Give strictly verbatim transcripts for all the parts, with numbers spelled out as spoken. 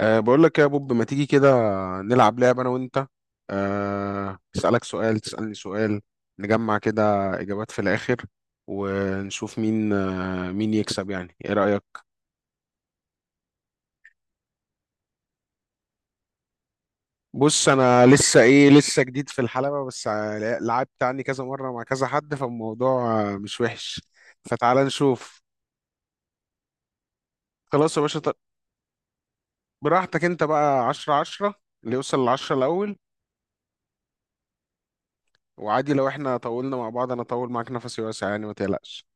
أه بقول لك يا بوب، ما تيجي كده نلعب لعبة أنا وأنت؟ أه أسألك سؤال، تسألني سؤال، نجمع كده إجابات في الآخر ونشوف مين، آه، مين يكسب. يعني إيه رأيك؟ بص أنا لسه إيه لسه جديد في الحلبة، بس آه، لعبت عني كذا مرة مع كذا حد، فالموضوع آه، مش وحش. فتعال نشوف. خلاص يا باشا، ط- براحتك أنت بقى. عشرة عشرة، اللي يوصل لعشرة الأول. وعادي لو إحنا طولنا مع بعض، أنا أطول معاك، نفسي واسع يعني، ما تقلقش.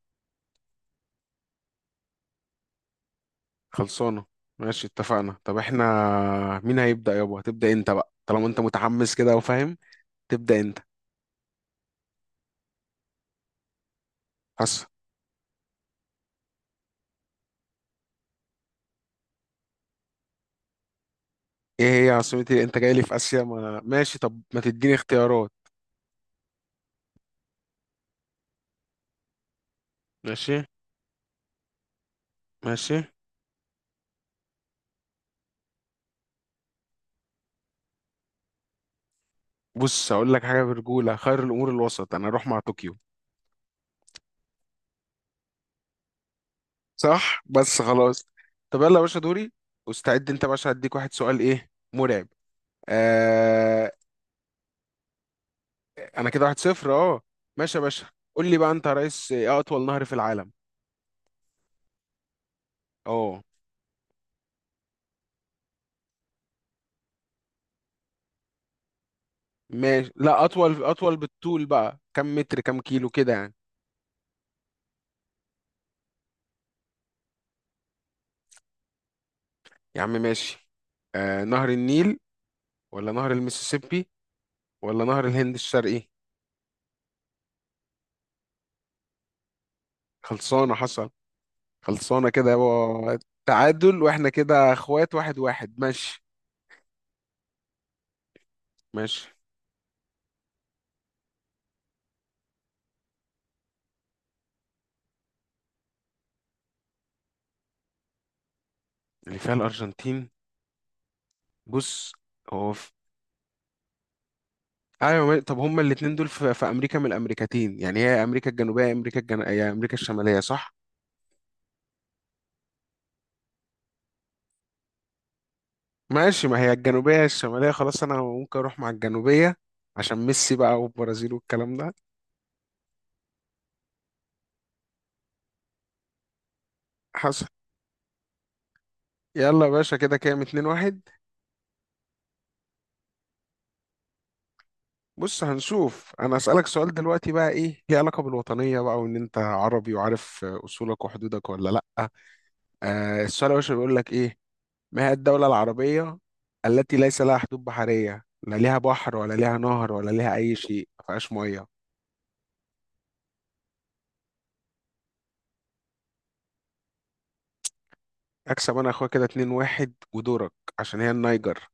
خلصانة. ماشي اتفقنا. طب احنا مين هيبدأ؟ يابا هتبدأ انت بقى، طالما انت متحمس كده وفاهم، تبدأ انت. حس. ايه هي عاصمة ايه؟ انت جاي لي في آسيا؟ ما أنا- ماشي، طب ما تديني اختيارات. ماشي. ماشي. بص هقول لك حاجة، برجولة خير الأمور الوسط، انا اروح مع طوكيو. صح، بس خلاص. طب يلا يا باشا دوري، واستعد انت يا باشا، هديك واحد سؤال ايه مرعب. آه. انا كده واحد صفر، اه. ماشي يا باشا. قول لي بقى انت يا ريس، ايه أطول نهر في العالم؟ اه ماشي. لا اطول، اطول بالطول بقى، كم متر كم كيلو كده يعني. يا عم ماشي. آه نهر النيل، ولا نهر المسيسيبي، ولا نهر الهند الشرقي. خلصانه حصل. خلصانه كده يابا، تعادل، واحنا كده اخوات، واحد واحد ماشي. ماشي. اللي فيها الارجنتين. بص هو في... ايوه، ما- طب هما الاتنين دول في... في امريكا، من الامريكتين يعني، هي امريكا الجنوبيه، امريكا الجن... هي امريكا الشماليه صح. ماشي، ما هي الجنوبية الشمالية خلاص، أنا ممكن أروح مع الجنوبية، عشان ميسي بقى والبرازيل والكلام ده. حصل. يلا يا باشا، كده كام، اتنين واحد. بص هنشوف، أنا أسألك سؤال دلوقتي بقى، إيه ليه علاقة بالوطنية بقى، وإن أنت عربي وعارف أصولك وحدودك ولا لأ. آه السؤال يا باشا بيقول لك إيه: ما هي الدولة العربية التي ليس لها حدود بحرية، لا ليها بحر ولا ليها نهر ولا ليها أي شيء، ما فيهاش مية؟ أكسب أنا يا أخويا، كده اتنين واحد ودورك، عشان هي النيجر.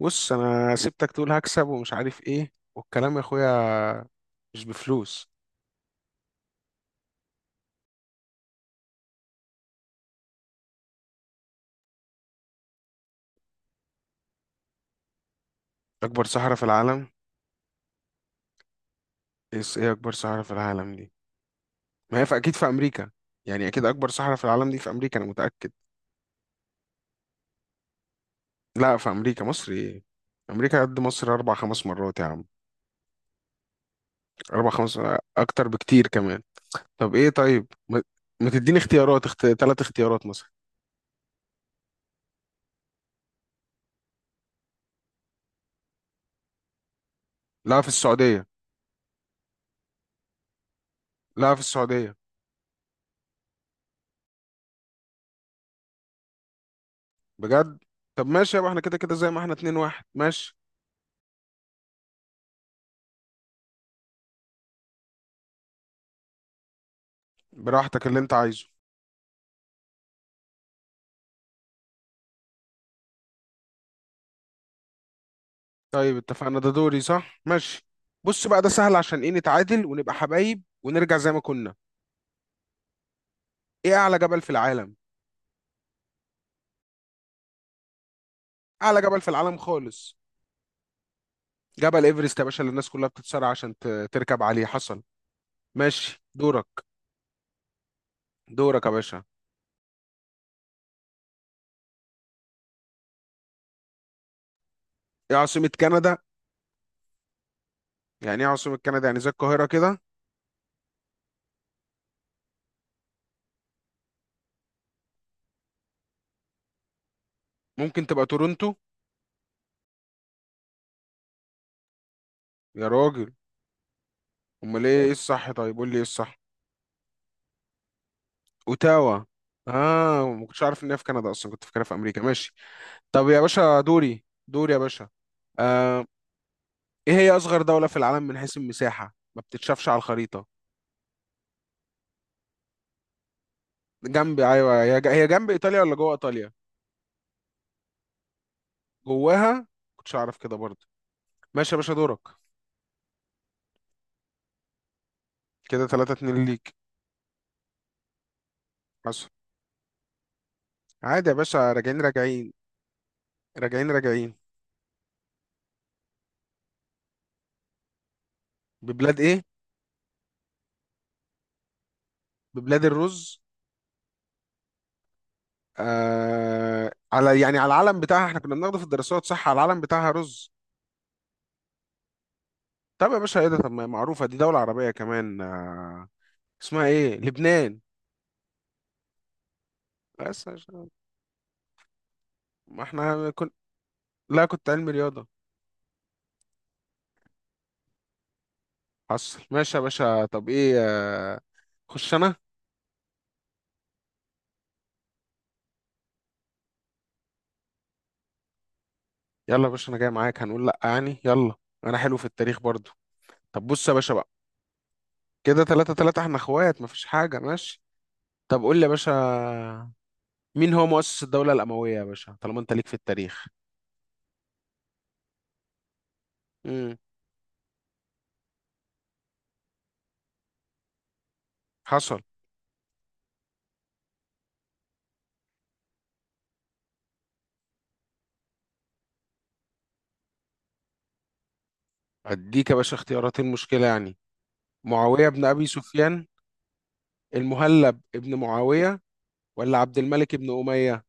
بص انا سبتك تقول هكسب ومش عارف ايه والكلام، يا اخويا مش بفلوس. اكبر صحراء في العالم. ايه ايه اكبر صحراء في العالم دي؟ ما هي في اكيد في امريكا يعني، اكيد اكبر صحراء في العالم دي في امريكا، انا متاكد. لا في امريكا، مصر ايه، امريكا قد مصر اربع خمس مرات يا عم. اربع خمس، اكتر بكتير كمان. طب ايه، طيب ما, ما تديني اختيارات؟ اخت... ثلاث اختيارات مثلا. لا في السعوديه. لا في السعوديه. بجد؟ طب ماشي يابا، احنا كده كده زي ما احنا، اتنين واحد ماشي. براحتك اللي انت عايزه. طيب اتفقنا، ده دوري صح؟ ماشي. بص بقى، ده سهل عشان ايه، نتعادل ونبقى حبايب ونرجع زي ما كنا. ايه اعلى جبل في العالم؟ اعلى جبل في العالم خالص. جبل ايفرست يا باشا، اللي الناس كلها بتتصارع عشان ت- تركب عليه. حصل. ماشي دورك. دورك يا باشا. ايه عاصمة كندا؟ يعني ايه عاصمة كندا، يعني زي القاهرة كده. ممكن تبقى تورونتو. يا راجل. امال ايه، ايه الصح؟ طيب قول لي ايه الصح. اوتاوا. اه، ما كنتش عارف ان هي في كندا اصلا، كنت فاكرها في امريكا. ماشي. طب يا باشا دوري، دوري يا باشا. آه، ايه هي اصغر دولة في العالم من حيث المساحة، ما بتتشافش على الخريطة؟ جنب، ايوه هي ج- هي جنب ايطاليا ولا جوه ايطاليا؟ جواها. كنتش اعرف كده برضه. ماشي يا باشا دورك. كده تلاتة اتنين ليك. حصل. عادي يا باشا، راجعين راجعين، راجعين راجعين. ببلاد ايه؟ ببلاد الرز. آه على، يعني على العلم بتاعها، احنا كنا بناخده في الدراسات صح، على العلم بتاعها رز. طب يا باشا ايه ده، طب ما هي معروفة، دي دولة عربية كمان آه، اسمها ايه؟ لبنان. بس عشان- ما احنا كن... لا كنت علمي رياضة. حصل. ماشي يا باشا، طب ايه، آه، خش انا. يلا يا باشا، انا جاي معاك، هنقول لا يعني، يلا. انا حلو في التاريخ برضو. طب بص يا باشا بقى، كده تلاتة تلاتة، احنا اخوات، مفيش حاجة ماشي. طب قول لي يا باشا، مين هو مؤسس الدولة الأموية يا باشا، طالما انت ليك في التاريخ؟ امم حصل. اديك يا باشا اختياراتين، مشكلة يعني. معاوية بن أبي سفيان، المهلب ابن معاوية، ولا عبد الملك ابن أمية.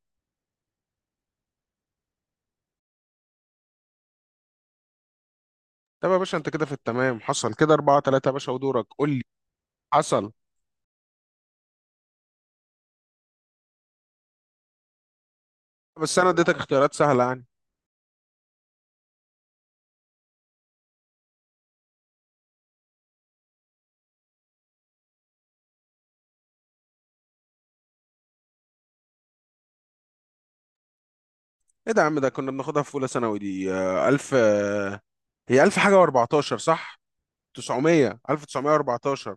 طب يا باشا انت كده في التمام، حصل، كده أربعة تلاتة يا باشا، ودورك قول لي. حصل. بس انا اديتك اختيارات سهلة يعني. ايه ده يا عم، ده كنا بناخدها في اولى ثانوي دي. آه، الف آه، هي الف حاجه و14 صح، تسعمية ألف وتسعمية واربعتاشر.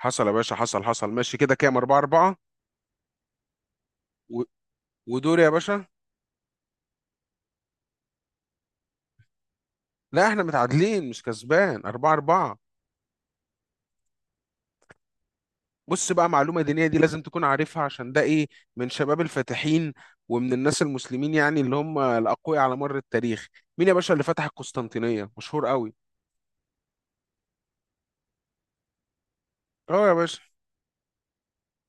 حصل يا باشا، حصل حصل ماشي، كده كام، اربعة اربعة. ودور يا باشا. لا احنا متعادلين مش كسبان، اربعة اربعة. بص بقى معلومه دينيه، دي لازم تكون عارفها، عشان ده ايه، من شباب الفاتحين، ومن الناس المسلمين يعني، اللي هم الاقوياء على مر التاريخ. مين يا باشا اللي فتح القسطنطينيه؟ مشهور قوي. اه يا باشا،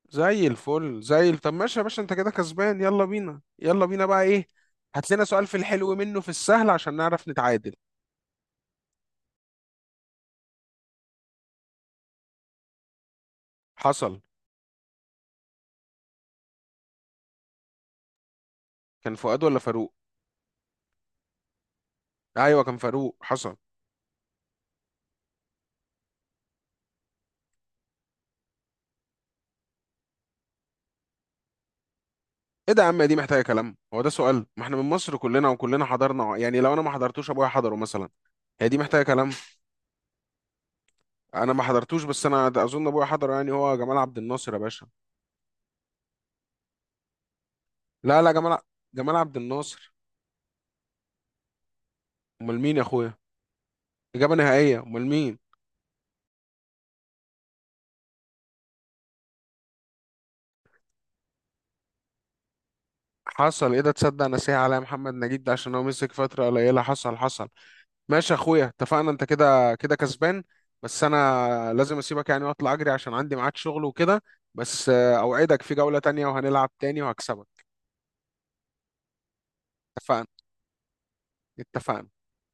زي الفل، زي ال... طب ماشي يا باشا، انت كده كسبان. يلا بينا يلا بينا، بقى ايه. هات لنا سؤال في الحلو منه، في السهل، عشان نعرف نتعادل. حصل. كان فؤاد ولا فاروق؟ ايوه كان فاروق، حصل. ايه ده يا عم، دي محتاجه كلام، هو ده سؤال؟ ما احنا من مصر كلنا، وكلنا حضرنا يعني، لو انا ما حضرتوش ابويا حضره مثلا. هي دي محتاجه كلام. انا ما حضرتوش، بس انا اظن ابويا حضره يعني، هو جمال عبد الناصر يا باشا. لا لا، جمال ع- جمال عبد الناصر. امال مين يا اخويا؟ اجابه نهائيه، امال مين؟ حصل، ايه ده، تصدق نسيها عليا، محمد نجيب ده عشان هو مسك فترة قليلة. حصل حصل. ماشي يا اخويا اتفقنا، انت كده كده كسبان. بس انا لازم اسيبك يعني واطلع اجري، عشان عندي ميعاد شغل وكده. بس آه، اوعدك في جولة تانية، وهنلعب تاني وهكسبك. اتفقنا. اتفقنا.